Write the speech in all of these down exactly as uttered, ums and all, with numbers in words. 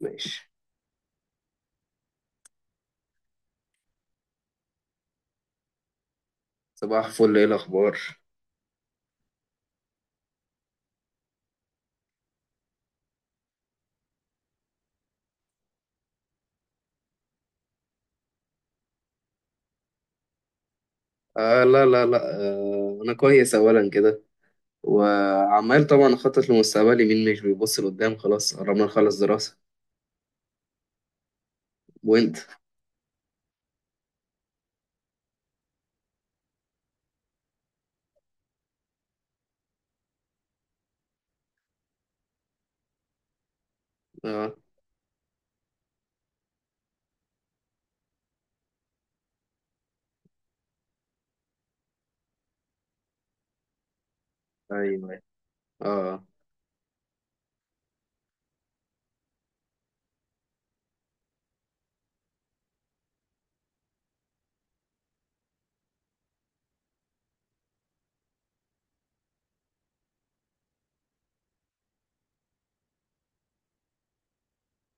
ماشي. صباح الفل، ايه الاخبار؟ آه لا لا لا آه انا كويس اولا كده. وعمال طبعا اخطط لمستقبلي، مين مش بيبص لقدام؟ خلاص قربنا نخلص دراسة. وانت؟ اه، ايوه، أيوة. اه.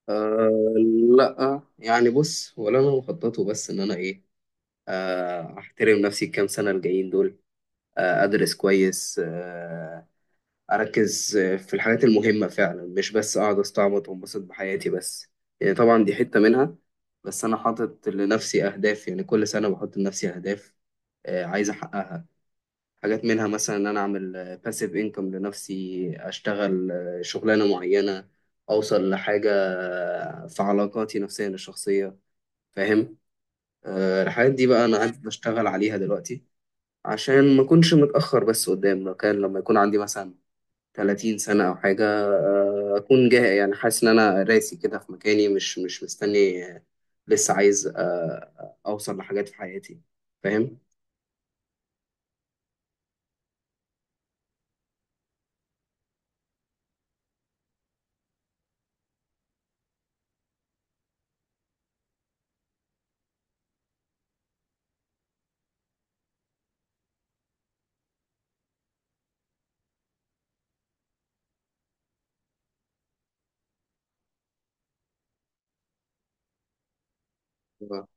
آه لا، يعني بص، ولا انا مخططه، بس ان انا ايه، آه احترم نفسي الكام سنة الجايين دول، آه ادرس كويس، آه اركز في الحاجات المهمه فعلا، مش بس اقعد استعبط وانبسط بحياتي بس، يعني طبعا دي حته منها. بس انا حاطط لنفسي اهداف، يعني كل سنه بحط لنفسي اهداف آه، عايز احققها. حاجات منها مثلا ان انا اعمل باسيف انكم لنفسي، اشتغل آه، شغلانه معينه، اوصل لحاجه آه، في علاقاتي نفسيا الشخصيه. فاهم؟ آه، الحاجات دي بقى انا قاعد بشتغل عليها دلوقتي، عشان ما اكونش متاخر بس قدام. لو كان لما يكون عندي مثلا 30 سنة أو حاجة آه، أكون جاهز، يعني حاسس إن أنا راسي كده في مكاني، مش مش مستني آه، لسه عايز آه، أوصل لحاجات في حياتي. فاهم؟ آه.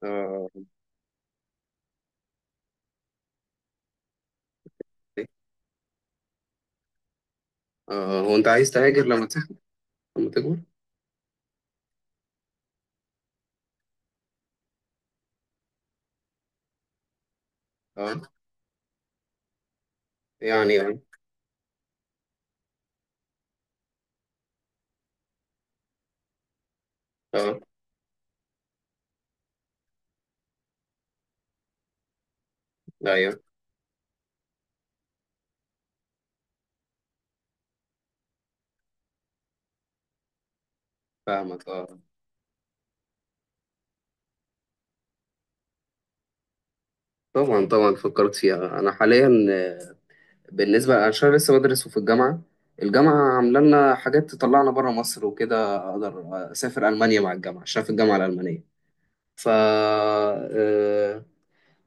آه. آه. هو أنت عايز تهاجر لما تكبر؟ لما تكبر؟ أه. يعني أه. أه. أيوه، فاهمك. أه. طبعا طبعا فكرت فيها أنا حاليا آه، بالنسبة أنا عشان لسه بدرس وفي الجامعة، الجامعة عاملة لنا حاجات تطلعنا بره مصر وكده، أقدر أسافر ألمانيا مع الجامعة عشان في الجامعة الألمانية. ف آه،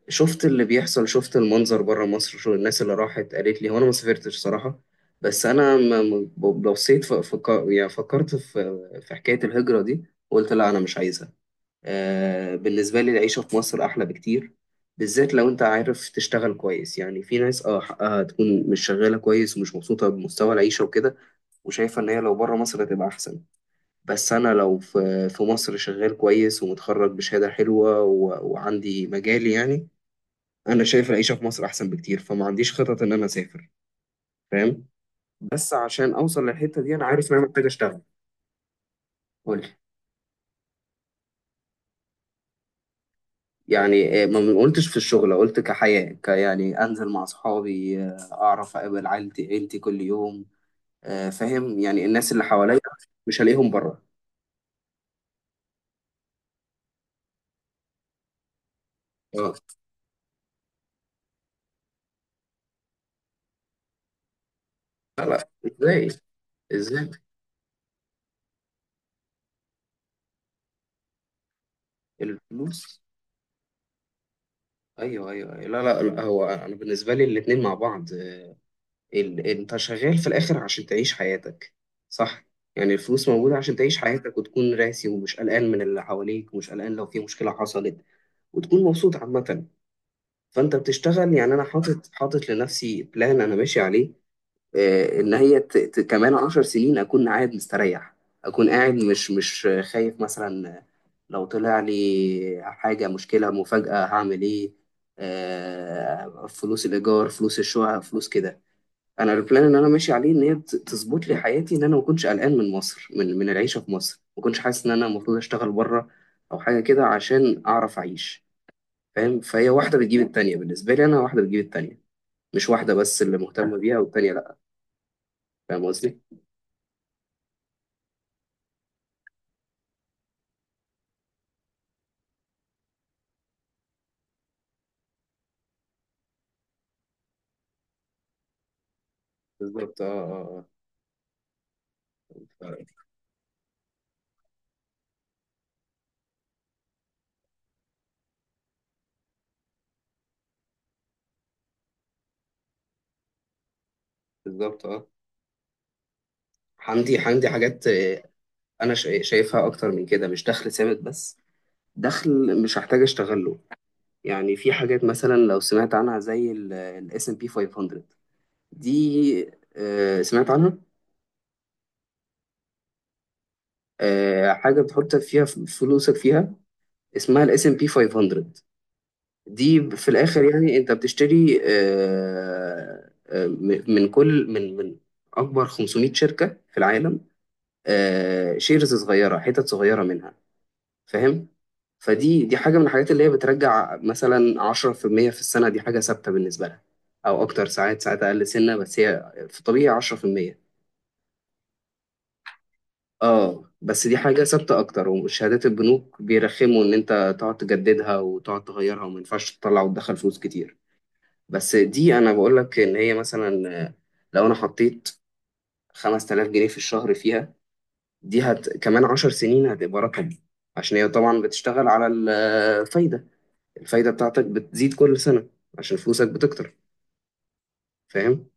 شفت اللي بيحصل، شفت المنظر بره مصر، شو الناس اللي راحت قالت لي. هو انا ما سافرتش صراحة، بس انا ما- ما- بصيت ف- فك- يعني فكرت في في حكاية الهجرة دي. قلت لا، انا مش عايزها. آه، بالنسبة لي العيشة في مصر احلى بكتير، بالذات لو انت عارف تشتغل كويس. يعني في ناس اه حقها تكون مش شغالة كويس ومش مبسوطة بمستوى العيشة وكده، وشايفة ان هي لو بره مصر هتبقى احسن. بس أنا لو في في مصر شغال كويس، ومتخرج بشهادة حلوة، و... وعندي مجالي، يعني أنا شايف العيشة في مصر أحسن بكتير، فما عنديش خطط إن أنا أسافر. فاهم؟ بس عشان أوصل للحتة دي أنا عارف إن أنا محتاج أشتغل. قول. يعني آه، ما قلتش في الشغل، قلت كحياة ك، يعني أنزل مع صحابي آه، أعرف أقابل عيلتي عيلتي كل يوم آه، فاهم؟ يعني الناس اللي حواليا مش هلاقيهم بره. اه، لا لا. ازاي؟ ازاي؟ الفلوس. ايوه، ايوه، أيوة. لا لا لا، هو انا بالنسبه لي الاتنين مع بعض. آه، ال... انت شغال في الاخر عشان تعيش حياتك، صح؟ يعني الفلوس موجوده عشان تعيش حياتك، وتكون راسي، ومش قلقان من اللي حواليك، ومش قلقان لو في مشكله حصلت، وتكون مبسوط عامه. فانت بتشتغل، يعني انا حاطط حاطط لنفسي بلان انا ماشي عليه. آه، ان هي ت... ت... كمان عشر سنين اكون قاعد مستريح، اكون قاعد مش مش خايف مثلا لو طلع لي حاجه، مشكله مفاجاه، هعمل ايه؟ آه، فلوس الايجار، فلوس الشقه، فلوس كده. انا البلان اللي انا ماشي عليه ان هي ت- تظبط لي حياتي، ان انا ما اكونش قلقان من مصر، من من العيشه في مصر، ما اكونش حاسس ان انا المفروض اشتغل بره او حاجه كده عشان اعرف اعيش. فاهم؟ فهي واحده بتجيب التانيه. بالنسبه لي انا واحده بتجيب التانيه، مش واحده بس اللي مهتمه بيها والتانيه لا. فاهم قصدي؟ بالظبط، اه، اه. آه. بالظبط، اه. عندي عندي حاجات. آه، انا شا- شايفها اكتر من كده، مش دخل ثابت بس، دخل مش هحتاج اشتغله. يعني في حاجات مثلا لو سمعت عنها زي الاس ام بي خمسمية، دي. آه، سمعت عنها؟ آه، حاجه بتحط فيها ف- فلوسك فيها، اسمها الاس ام بي فايف هاندرد. دي في الاخر يعني انت بتشتري، آه، آه، م- من كل، من من اكبر خمسمئة شركة شركه في العالم، آه، شيرز صغيرة، حتت صغيرة منها. فاهم؟ فدي دي حاجة من الحاجات اللي هي بترجع مثلا عشرة في المية في المية في السنة، دي حاجة ثابتة بالنسبة لها، أو أكتر. ساعات ساعات أقل سنة، بس هي في الطبيعي عشرة في المية. اه، بس دي حاجة ثابتة أكتر. وشهادات البنوك بيرخموا إن أنت تقعد تجددها وتقعد تغيرها، وما ينفعش تطلع وتدخل فلوس كتير. بس دي أنا بقول لك إن هي مثلا آه، لو أنا حطيت خمس تلاف جنيه في الشهر فيها، دي هت... كمان عشر سنين هتبقى رقم، عشان هي طبعا بتشتغل على الفايدة. الفايدة بتاعتك بتزيد كل سنة عشان فلوسك بتكتر. فاهم؟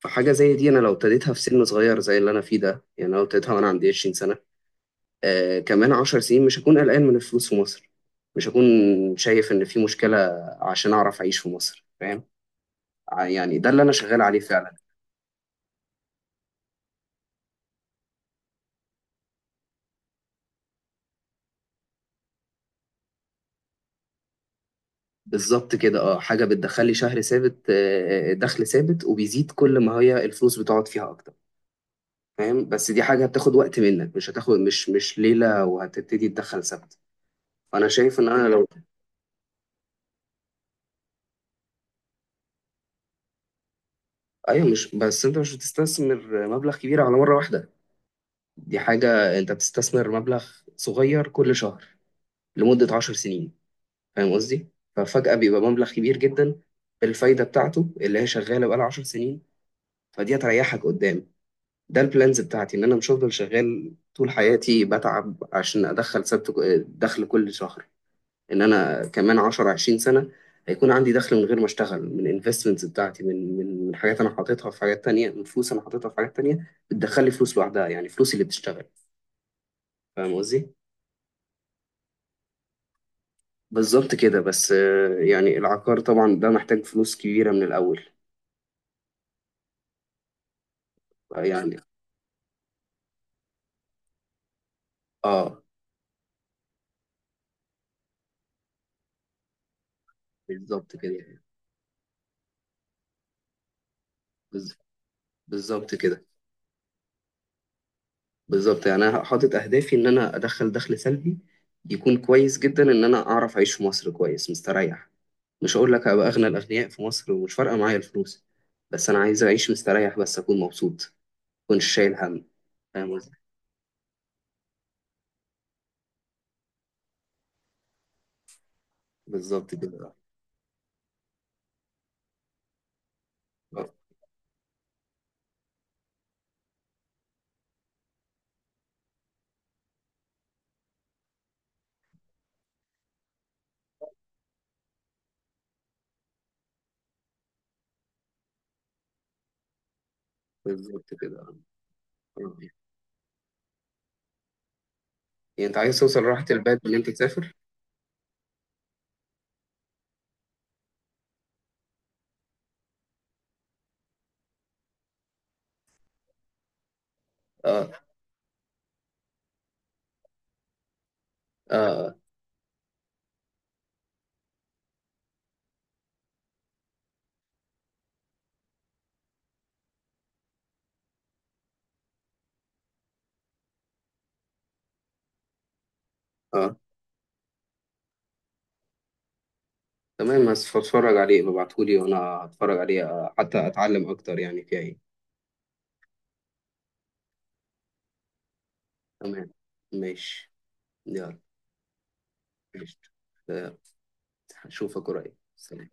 فحاجة زي دي أنا لو ابتديتها في سن صغير زي اللي أنا فيه ده، يعني لو ابتديتها وأنا عندي 20 سنة، آه كمان عشر سنين مش هكون قلقان من الفلوس في مصر، مش هكون شايف إن في مشكلة، عشان أعرف أعيش في مصر. فاهم؟ ع- يعني ده اللي أنا شغال عليه فعلا. بالظبط كده. اه، حاجة بتدخلي شهر ثابت، آه، دخل ثابت، وبيزيد كل ما هي الفلوس بتقعد فيها أكتر. فاهم؟ بس دي حاجة هتاخد وقت منك، مش هتاخد مش مش ليلة وهتبتدي تدخل ثابت. أنا شايف إن أنا لو... أيوة، مش بس، أنت مش بتستثمر مبلغ كبير على مرة واحدة. دي حاجة أنت بتستثمر مبلغ صغير كل شهر لمدة عشر سنين. فاهم قصدي؟ ففجأة بيبقى مبلغ كبير جدا، بالفايدة بتاعته اللي هي شغالة بقالها عشر سنين. فدي هتريحك قدام. ده البلانز بتاعتي، إن أنا مش هفضل شغال طول حياتي بتعب عشان أدخل ثابت دخل كل شهر. ان انا كمان عشر عشرين سنة سنه هيكون عندي دخل من غير ما اشتغل، من انفستمنتس بتاعتي، من من من حاجات انا حاططها في حاجات تانية، من فلوس انا حاططها في حاجات تانية بتدخل لي فلوس لوحدها، يعني فلوسي اللي بتشتغل. فاهم قصدي؟ بالظبط كده. بس آه، يعني العقار طبعا ده محتاج فلوس كبيره من الاول. يعني اه. بالظبط كده. بز- بالظبط كده. بالظبط، يعني انا حاطط اهدافي ان انا ادخل دخل سلبي يكون كويس جدا، ان انا اعرف اعيش في مصر كويس مستريح. مش هقول لك هبقى أغنى الأغنياء في مصر ومش فارقة معايا الفلوس، بس أنا عايز أعيش مستريح بس، أكون مبسوط، مكنش شايل هم. فاهم قصدي؟ بالظبط كده. آه، بالظبط كده. آه. آه. يعني أنت عايز توصل لراحة البال إن أنت تسافر؟ آه. آه. آه. تمام، بس فاتفرج عليه، ببعتهولي وأنا هتفرج عليه آه، حتى أتعلم أكتر يعني فيها إيه. تمام. ماشي. يلا. ماشي. آه، هشوفك قريب. سلام.